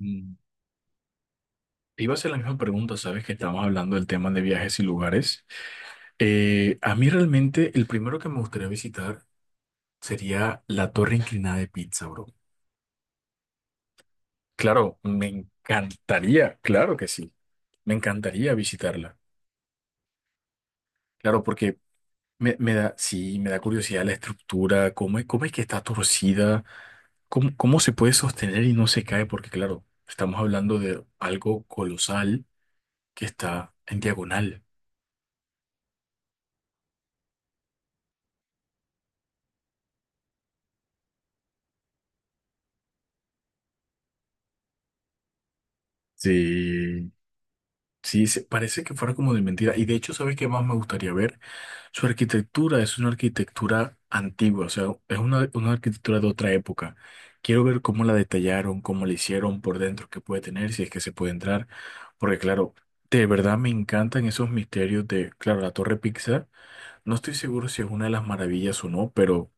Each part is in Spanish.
Mm. Te iba a hacer la misma pregunta, sabes que estamos hablando del tema de viajes y lugares. A mí realmente el primero que me gustaría visitar sería la Torre Inclinada de Pizza, bro. Claro, me encantaría, claro que sí. Me encantaría visitarla. Claro, porque me da, sí, me da curiosidad la estructura, cómo, cómo es que está torcida, cómo se puede sostener y no se cae, porque claro, estamos hablando de algo colosal que está en diagonal. Sí. Sí, parece que fuera como de mentira. Y de hecho, ¿sabes qué más me gustaría ver? Su arquitectura es una arquitectura antigua, o sea, es una arquitectura de otra época. Quiero ver cómo la detallaron, cómo la hicieron por dentro, qué puede tener, si es que se puede entrar. Porque claro, de verdad me encantan esos misterios de, claro, la Torre Pizza. No estoy seguro si es una de las maravillas o no, pero,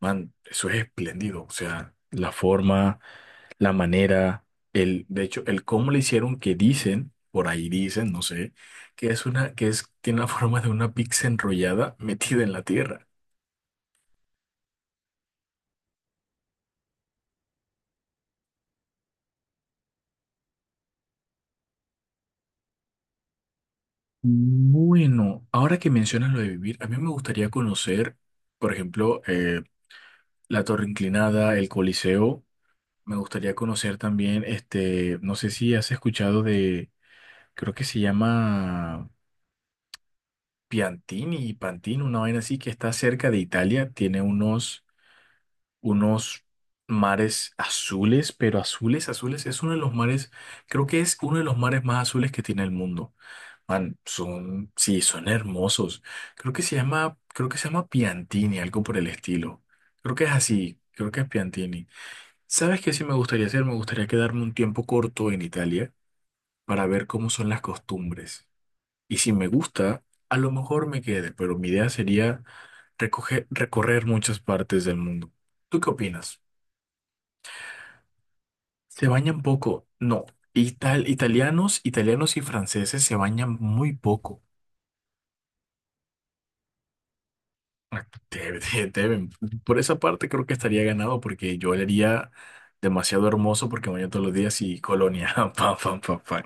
man, eso es espléndido. O sea, la forma, la manera, el, de hecho, el cómo le hicieron que dicen, por ahí dicen, no sé, que es una, que es, tiene la forma de una pizza enrollada metida en la tierra. Bueno, ahora que mencionas lo de vivir, a mí me gustaría conocer, por ejemplo, la Torre Inclinada, el Coliseo. Me gustaría conocer también, este, no sé si has escuchado de, creo que se llama Piantini y Pantini, una vaina así que está cerca de Italia, tiene unos, unos mares azules, pero azules, azules, es uno de los mares, creo que es uno de los mares más azules que tiene el mundo. Man, son, sí, son hermosos. Creo que se llama, creo que se llama Piantini, algo por el estilo. Creo que es así, creo que es Piantini. ¿Sabes qué sí me gustaría hacer? Me gustaría quedarme un tiempo corto en Italia para ver cómo son las costumbres. Y si me gusta, a lo mejor me quede, pero mi idea sería recorrer muchas partes del mundo. ¿Tú qué opinas? ¿Se bañan poco? No. Italianos, italianos y franceses se bañan muy poco. Ah, deben. Por esa parte creo que estaría ganado porque yo le haría demasiado hermoso porque me baño todos los días y colonia. Pam, pam, pam, pam.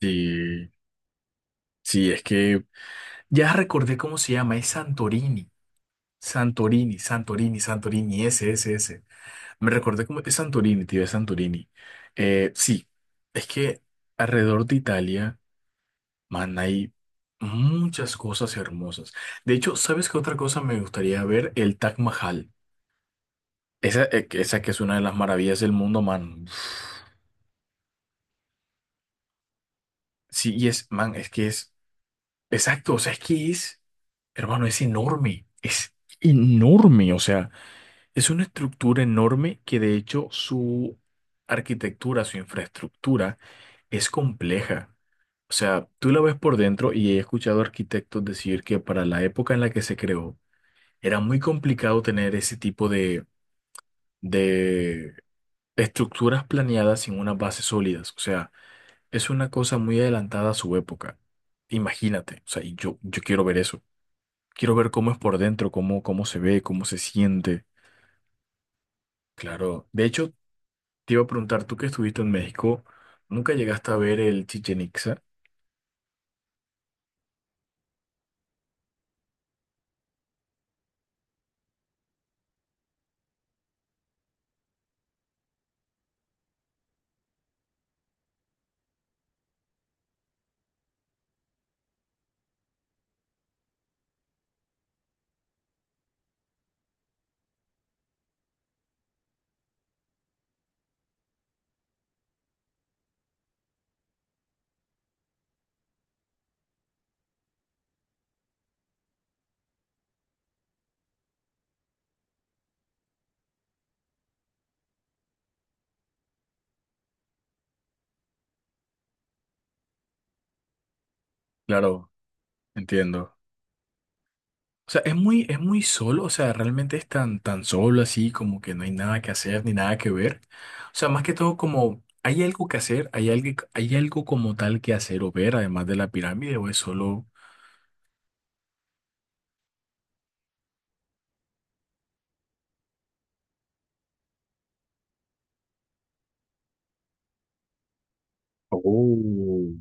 Sí, sí, es que ya recordé cómo se llama, es Santorini. Santorini, Santorini, Santorini, ese, ese, ese. Me recordé cómo es Santorini, tío, es Santorini. Sí, es que alrededor de Italia, man, hay muchas cosas hermosas. De hecho, ¿sabes qué otra cosa me gustaría ver? El Taj Mahal. Esa, esa que es una de las maravillas del mundo, man. Sí, y es, man, es que es, exacto, o sea, es que es, hermano, es enorme, o sea. Es una estructura enorme que de hecho su arquitectura, su infraestructura es compleja. O sea, tú la ves por dentro y he escuchado arquitectos decir que para la época en la que se creó era muy complicado tener ese tipo de, de estructuras planeadas sin unas bases sólidas. O sea, es una cosa muy adelantada a su época. Imagínate, o sea, y yo quiero ver eso. Quiero ver cómo es por dentro, cómo se ve, cómo se siente. Claro. De hecho, te iba a preguntar, tú que estuviste en México, ¿nunca llegaste a ver el Chichen Itza? Claro, entiendo. O sea, es muy solo, o sea, realmente es tan, tan solo así, como que no hay nada que hacer ni nada que ver. O sea, más que todo como, ¿hay algo que hacer? Hay algo como tal que hacer o ver, además de la pirámide, o es solo... Oh.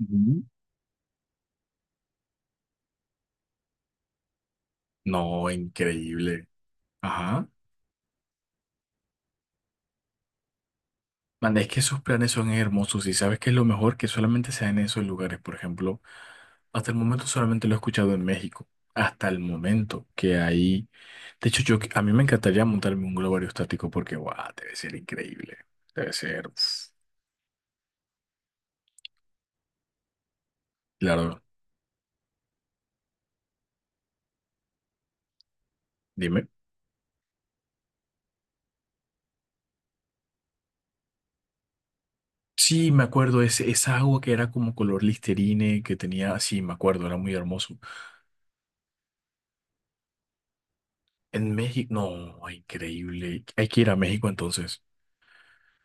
Ujú. No, increíble. Ajá. Manda, es que esos planes son hermosos y sabes que es lo mejor que solamente se dan en esos lugares. Por ejemplo, hasta el momento solamente lo he escuchado en México. Hasta el momento que ahí. De hecho, yo, a mí me encantaría montarme un globo aerostático porque, guau, debe ser increíble. Debe ser. Uf. Claro, dime. Sí, me acuerdo, ese, esa agua que era como color Listerine, que tenía. Sí, me acuerdo, era muy hermoso. En México, no, increíble. Hay que ir a México entonces.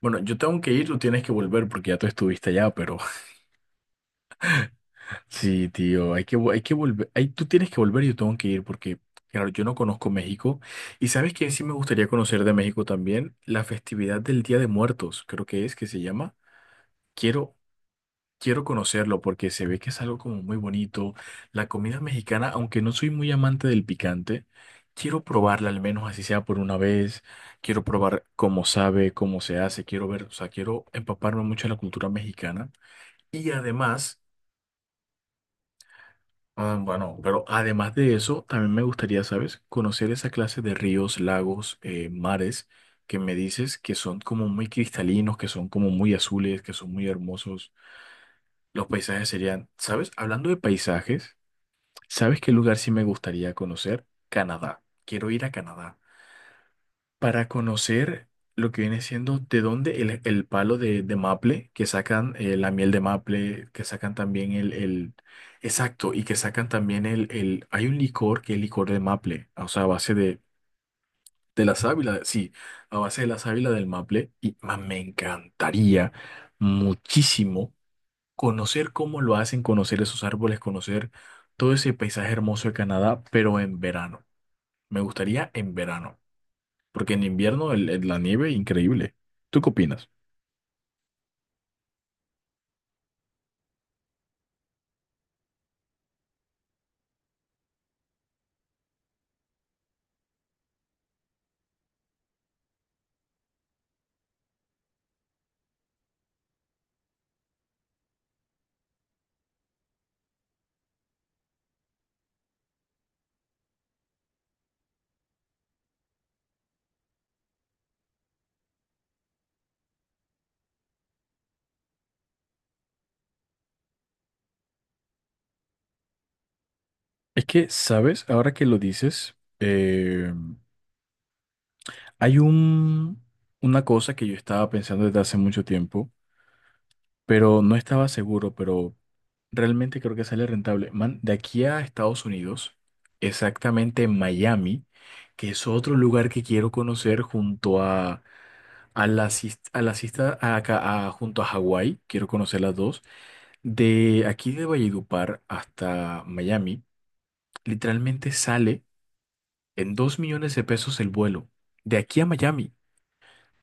Bueno, yo tengo que ir, tú tienes que volver porque ya tú estuviste allá, pero. Sí, tío, hay que, hay que volver, hay, tú tienes que volver y yo tengo que ir porque, claro, yo no conozco México y sabes que sí me gustaría conocer de México también la festividad del Día de Muertos, creo que es que se llama. Quiero, quiero conocerlo porque se ve que es algo como muy bonito. La comida mexicana, aunque no soy muy amante del picante, quiero probarla al menos así sea por una vez. Quiero probar cómo sabe, cómo se hace, quiero ver, o sea, quiero empaparme mucho en la cultura mexicana. Y además... Ah, bueno, pero además de eso, también me gustaría, ¿sabes? Conocer esa clase de ríos, lagos, mares que me dices que son como muy cristalinos, que son como muy azules, que son muy hermosos. Los paisajes serían, ¿sabes? Hablando de paisajes, ¿sabes qué lugar sí me gustaría conocer? Canadá. Quiero ir a Canadá para conocer lo que viene siendo de dónde el, palo de, maple, que sacan la miel de maple, que sacan también el- exacto, y que sacan también el, hay un licor que es licor de maple, o sea, a base de, la sábila, sí, a base de la sábila del maple, y man, me encantaría muchísimo conocer cómo lo hacen, conocer esos árboles, conocer todo ese paisaje hermoso de Canadá, pero en verano. Me gustaría en verano. Porque en invierno la nieve, increíble. ¿Tú qué opinas? Es que, ¿sabes? Ahora que lo dices, hay un, una cosa que yo estaba pensando desde hace mucho tiempo, pero no estaba seguro, pero realmente creo que sale rentable. Man, de aquí a Estados Unidos, exactamente en Miami, que es otro lugar que quiero conocer junto a la, sis- a la sista- junto a Hawái, quiero conocer las dos. De aquí de Valledupar hasta Miami, literalmente sale en 2 millones de pesos el vuelo. De aquí a Miami,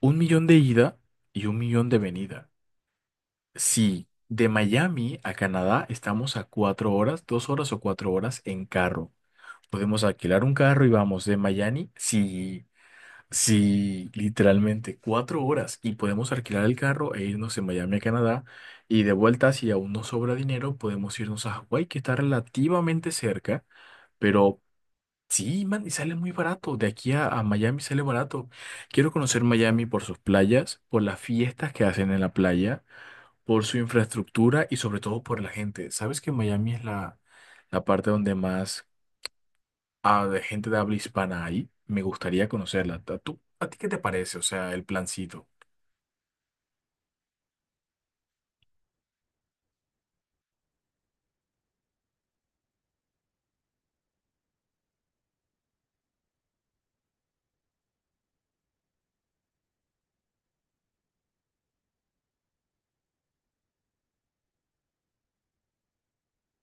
1 millón de ida y 1 millón de venida. Sí, de Miami a Canadá estamos a 4 horas, 2 horas o 4 horas en carro. Podemos alquilar un carro y vamos de Miami, sí, sí, literalmente 4 horas y podemos alquilar el carro e irnos de Miami a Canadá y de vuelta si aún nos sobra dinero podemos irnos a Hawái que está relativamente cerca, pero sí, man, y sale muy barato. De aquí a Miami sale barato. Quiero conocer Miami por sus playas, por las fiestas que hacen en la playa por su infraestructura y sobre todo por la gente. ¿Sabes que Miami es la parte donde más de gente de habla hispana hay? Me gustaría conocerla. ¿A a ti qué te parece? O sea, el plancito.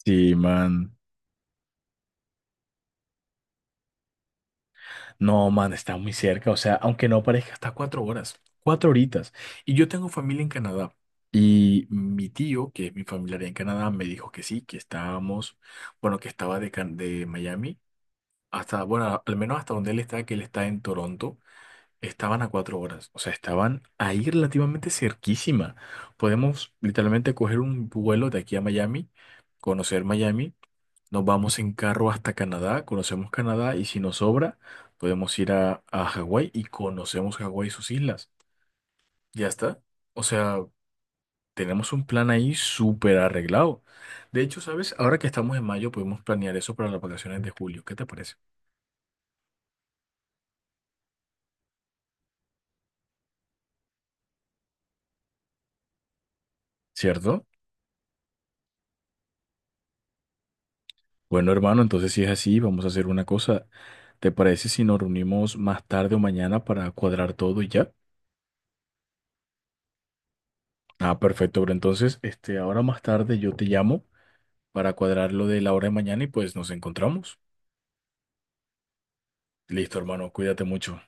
Sí, man. No, man, está muy cerca. O sea, aunque no parezca, está a 4 horas, 4 horitas. Y yo tengo familia en Canadá. Y mi tío, que es mi familiar en Canadá, me dijo que sí, que estábamos, bueno, que estaba de, de Miami, hasta, bueno, al menos hasta donde él está, que él está en Toronto. Estaban a 4 horas, o sea, estaban ahí relativamente cerquísima. Podemos literalmente coger un vuelo de aquí a Miami, conocer Miami, nos vamos en carro hasta Canadá, conocemos Canadá y si nos sobra, podemos ir a, Hawái y conocemos Hawái y sus islas. Ya está. O sea, tenemos un plan ahí súper arreglado. De hecho, ¿sabes? Ahora que estamos en mayo, podemos planear eso para las vacaciones de julio. ¿Qué te parece? ¿Cierto? Bueno, hermano, entonces si es así, vamos a hacer una cosa. ¿Te parece si nos reunimos más tarde o mañana para cuadrar todo y ya? Ah, perfecto, pero entonces, este, ahora más tarde yo te llamo para cuadrar lo de la hora de mañana y pues nos encontramos. Listo, hermano, cuídate mucho.